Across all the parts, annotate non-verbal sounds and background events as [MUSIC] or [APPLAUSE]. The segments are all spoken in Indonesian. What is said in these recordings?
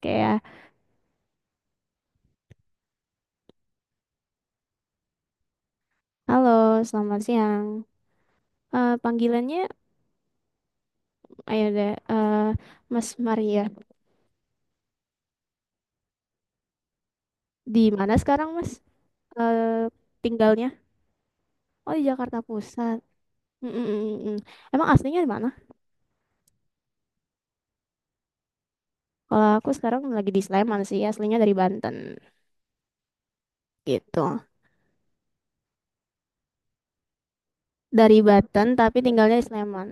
Kayak ya, halo, selamat siang. Panggilannya, ayo deh, Mas Maria. Di mana sekarang, Mas? Eh tinggalnya? Oh, di Jakarta Pusat. Mm, mm, mm, mm. Mm. Emang aslinya di mana? Kalau aku sekarang lagi di Sleman sih, aslinya dari Banten, gitu. Dari Banten, tapi tinggalnya di Sleman.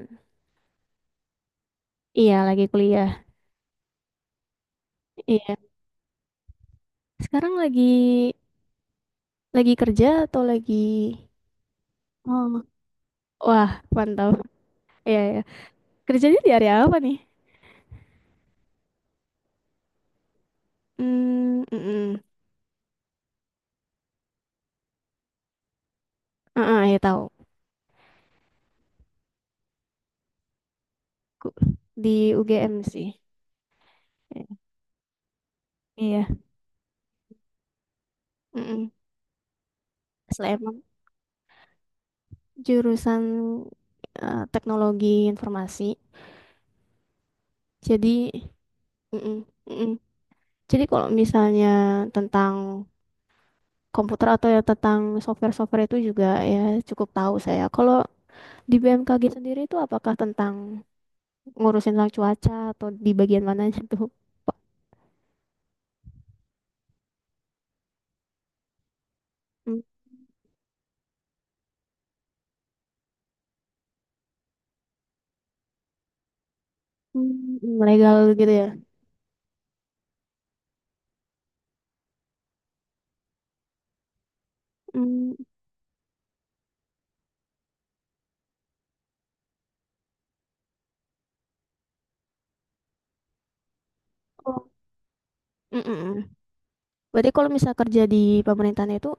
Iya, lagi kuliah. Iya. Sekarang lagi kerja atau lagi? Oh, wah, mantap. Iya, iya. Kerjanya di area apa nih? Hmm, mm-mm. Heeh, ya tahu. Ku- Di UGM sih. Eh, Iya. Mm-mm. Sleman jurusan teknologi informasi. Jadi, mm-mm, mm-mm. Jadi kalau misalnya tentang komputer atau ya tentang software-software itu juga ya cukup tahu saya. Kalau di BMKG sendiri itu apakah tentang ngurusin tentang cuaca atau di bagian mananya tuh? Pak? Mm, mm, legal gitu ya? Mm, oh, mm-mm. Berarti kalau misal kerja di pemerintahan itu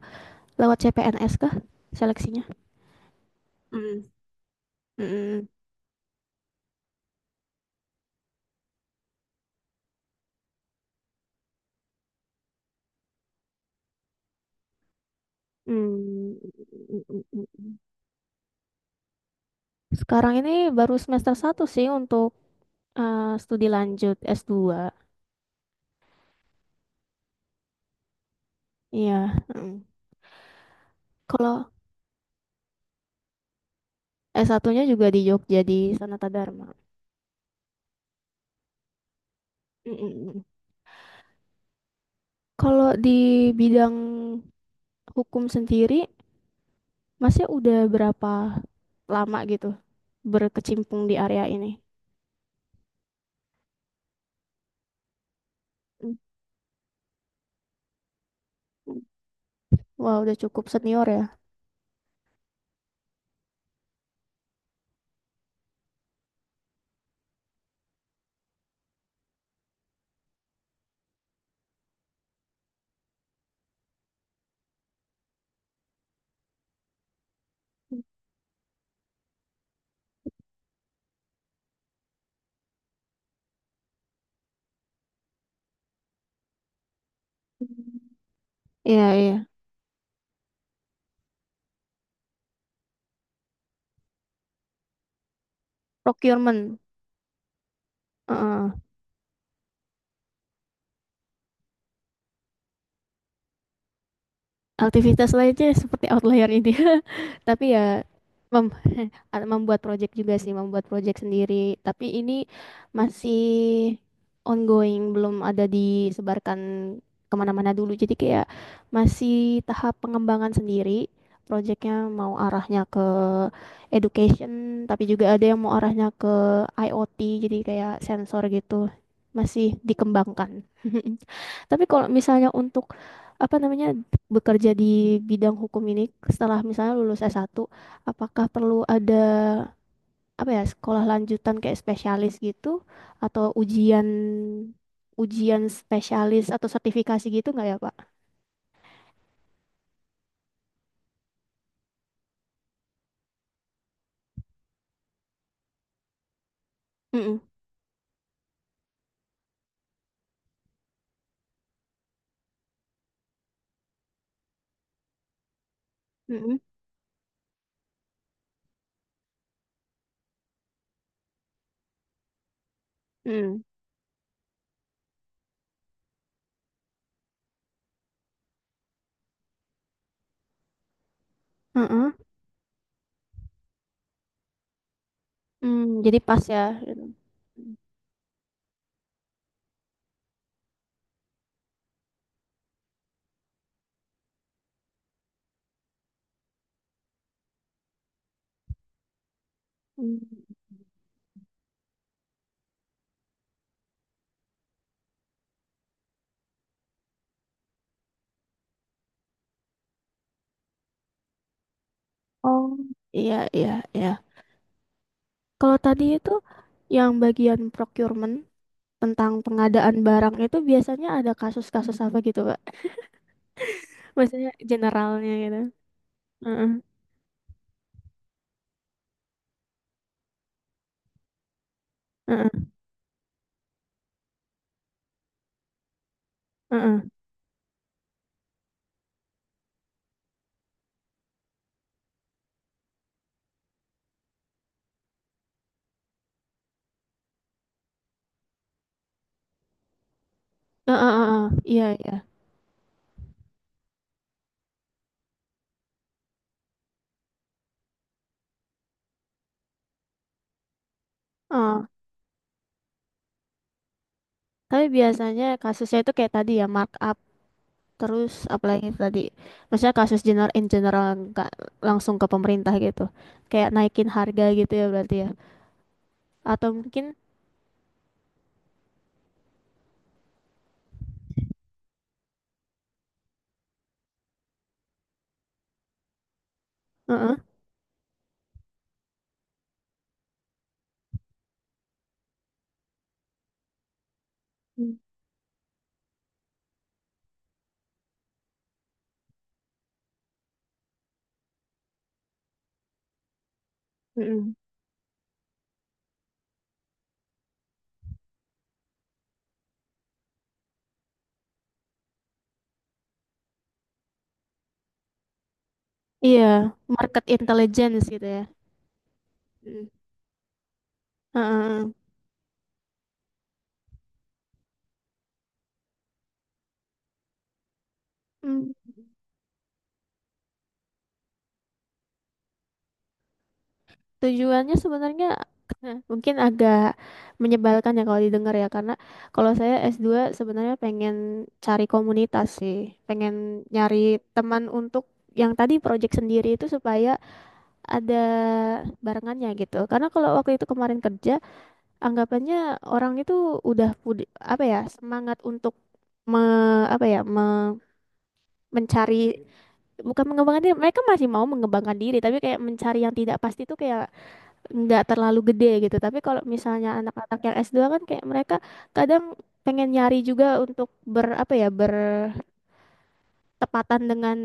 lewat CPNS kah seleksinya? Mm. Mm, mm, mm, mm, mm, mm. Sekarang ini baru semester satu sih untuk studi lanjut S2. Iya. Mm. Kalau S1-nya juga di Jogja di Sanata Dharma. Mm, mm, mm. Kalau di bidang hukum sendiri, masih udah berapa lama gitu berkecimpung di area ini? Mm, mm. Wah, udah cukup senior ya. Iya, iya. Procurement. Heeh. Aktivitas lainnya seperti outlier ini. [LAUGHS] Tapi ya mem [LAUGHS] membuat project juga sih, membuat project sendiri. Tapi ini masih ongoing, belum ada disebarkan kemana-mana dulu. Jadi kayak masih tahap pengembangan sendiri. Projectnya mau arahnya ke education, tapi juga ada yang mau arahnya ke IoT, jadi kayak sensor gitu. Masih dikembangkan. [LAUGHS] Tapi kalau misalnya untuk apa namanya bekerja di bidang hukum ini setelah misalnya lulus s satu, apakah perlu ada apa ya sekolah lanjutan kayak spesialis gitu atau ujian ujian spesialis atau sertifikasi gitu nggak ya, Pak? Mm-mm. Mm-mm. Mm. Mm-mm. Mm, jadi pas ya. Gitu. Mm. Oh, iya, iya, iya. Kalau tadi itu yang bagian procurement tentang pengadaan barang itu biasanya ada kasus-kasus apa gitu, Pak? Maksudnya generalnya gitu. Heeh, heeh, heeh. Heeh, heeh, heeh. Iya, iya. Oh, tapi biasanya kasusnya itu kayak tadi ya markup, terus apalagi tadi. Maksudnya kasus general in general, nggak langsung ke pemerintah gitu. Kayak naikin harga gitu ya berarti ya. Atau mungkin heeh. Hmm, heeh. Iya, market intelligence gitu ya. Heeh. Heeh. Heeh. Tujuannya sebenarnya [LAUGHS] mungkin agak menyebalkan ya kalau didengar ya, karena kalau saya S2 sebenarnya pengen cari komunitas sih, pengen nyari teman untuk yang tadi project sendiri itu supaya ada barengannya gitu. Karena kalau waktu itu kemarin kerja, anggapannya orang itu udah apa ya, semangat untuk apa ya, mencari, bukan mengembangkan diri, mereka masih mau mengembangkan diri tapi kayak mencari yang tidak pasti itu kayak nggak terlalu gede gitu. Tapi kalau misalnya anak-anak yang s dua kan kayak mereka kadang pengen nyari juga untuk apa ya bertepatan dengan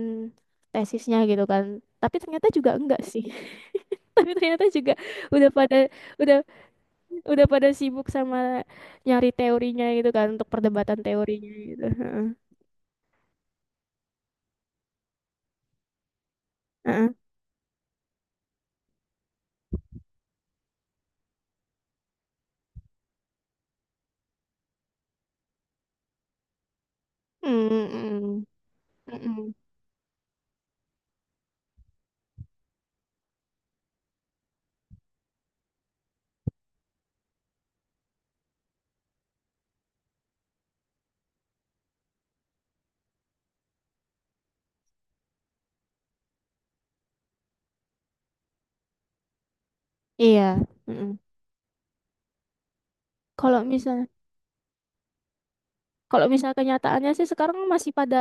tesisnya gitu kan. Tapi ternyata juga enggak sih. [LAUGHS] Tapi ternyata juga udah pada udah udah pada sibuk sama nyari teorinya gitu kan untuk perdebatan teorinya gitu. Heeh. Heeh. Mm, mm, mm, mm. Iya. Mm, mm. Kalau misalnya Kalau misalnya kenyataannya sih sekarang masih pada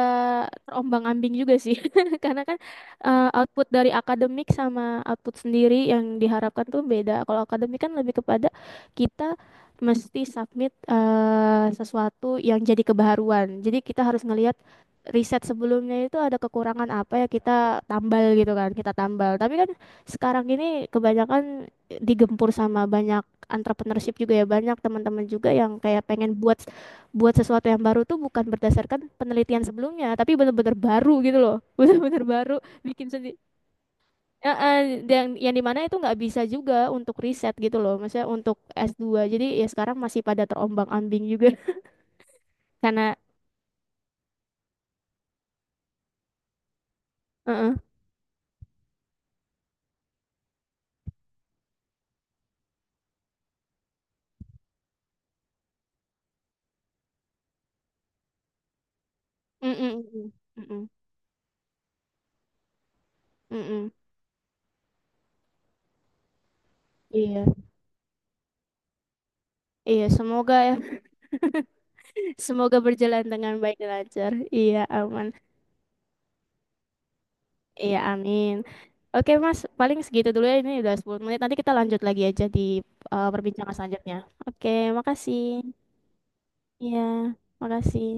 terombang-ambing juga sih. [LAUGHS] Karena kan output dari akademik sama output sendiri yang diharapkan tuh beda. Kalau akademik kan lebih kepada kita mesti submit sesuatu yang jadi kebaharuan. Jadi kita harus ngelihat riset sebelumnya itu ada kekurangan apa ya kita tambal gitu kan, kita tambal. Tapi kan sekarang ini kebanyakan digempur sama banyak entrepreneurship juga ya, banyak teman-teman juga yang kayak pengen buat buat sesuatu yang baru tuh bukan berdasarkan penelitian sebelumnya, tapi bener-bener baru gitu loh. [LAUGHS] Bener-bener baru bikin sendiri. Eh, eh, yang dimana itu nggak bisa juga untuk riset gitu loh. Maksudnya untuk S2. Jadi ya sekarang masih pada terombang-ambing juga [LAUGHS] karena heeh. Mm-mm, mm-mm, mm-mm. Iya. Iya, semoga ya. [LAUGHS] Semoga berjalan dengan baik dan lancar. Iya, aman. Iya, amin. Oke, Mas, paling segitu dulu ya. Ini udah 10 menit. Nanti kita lanjut lagi aja di perbincangan selanjutnya. Oke, makasih. Iya, makasih.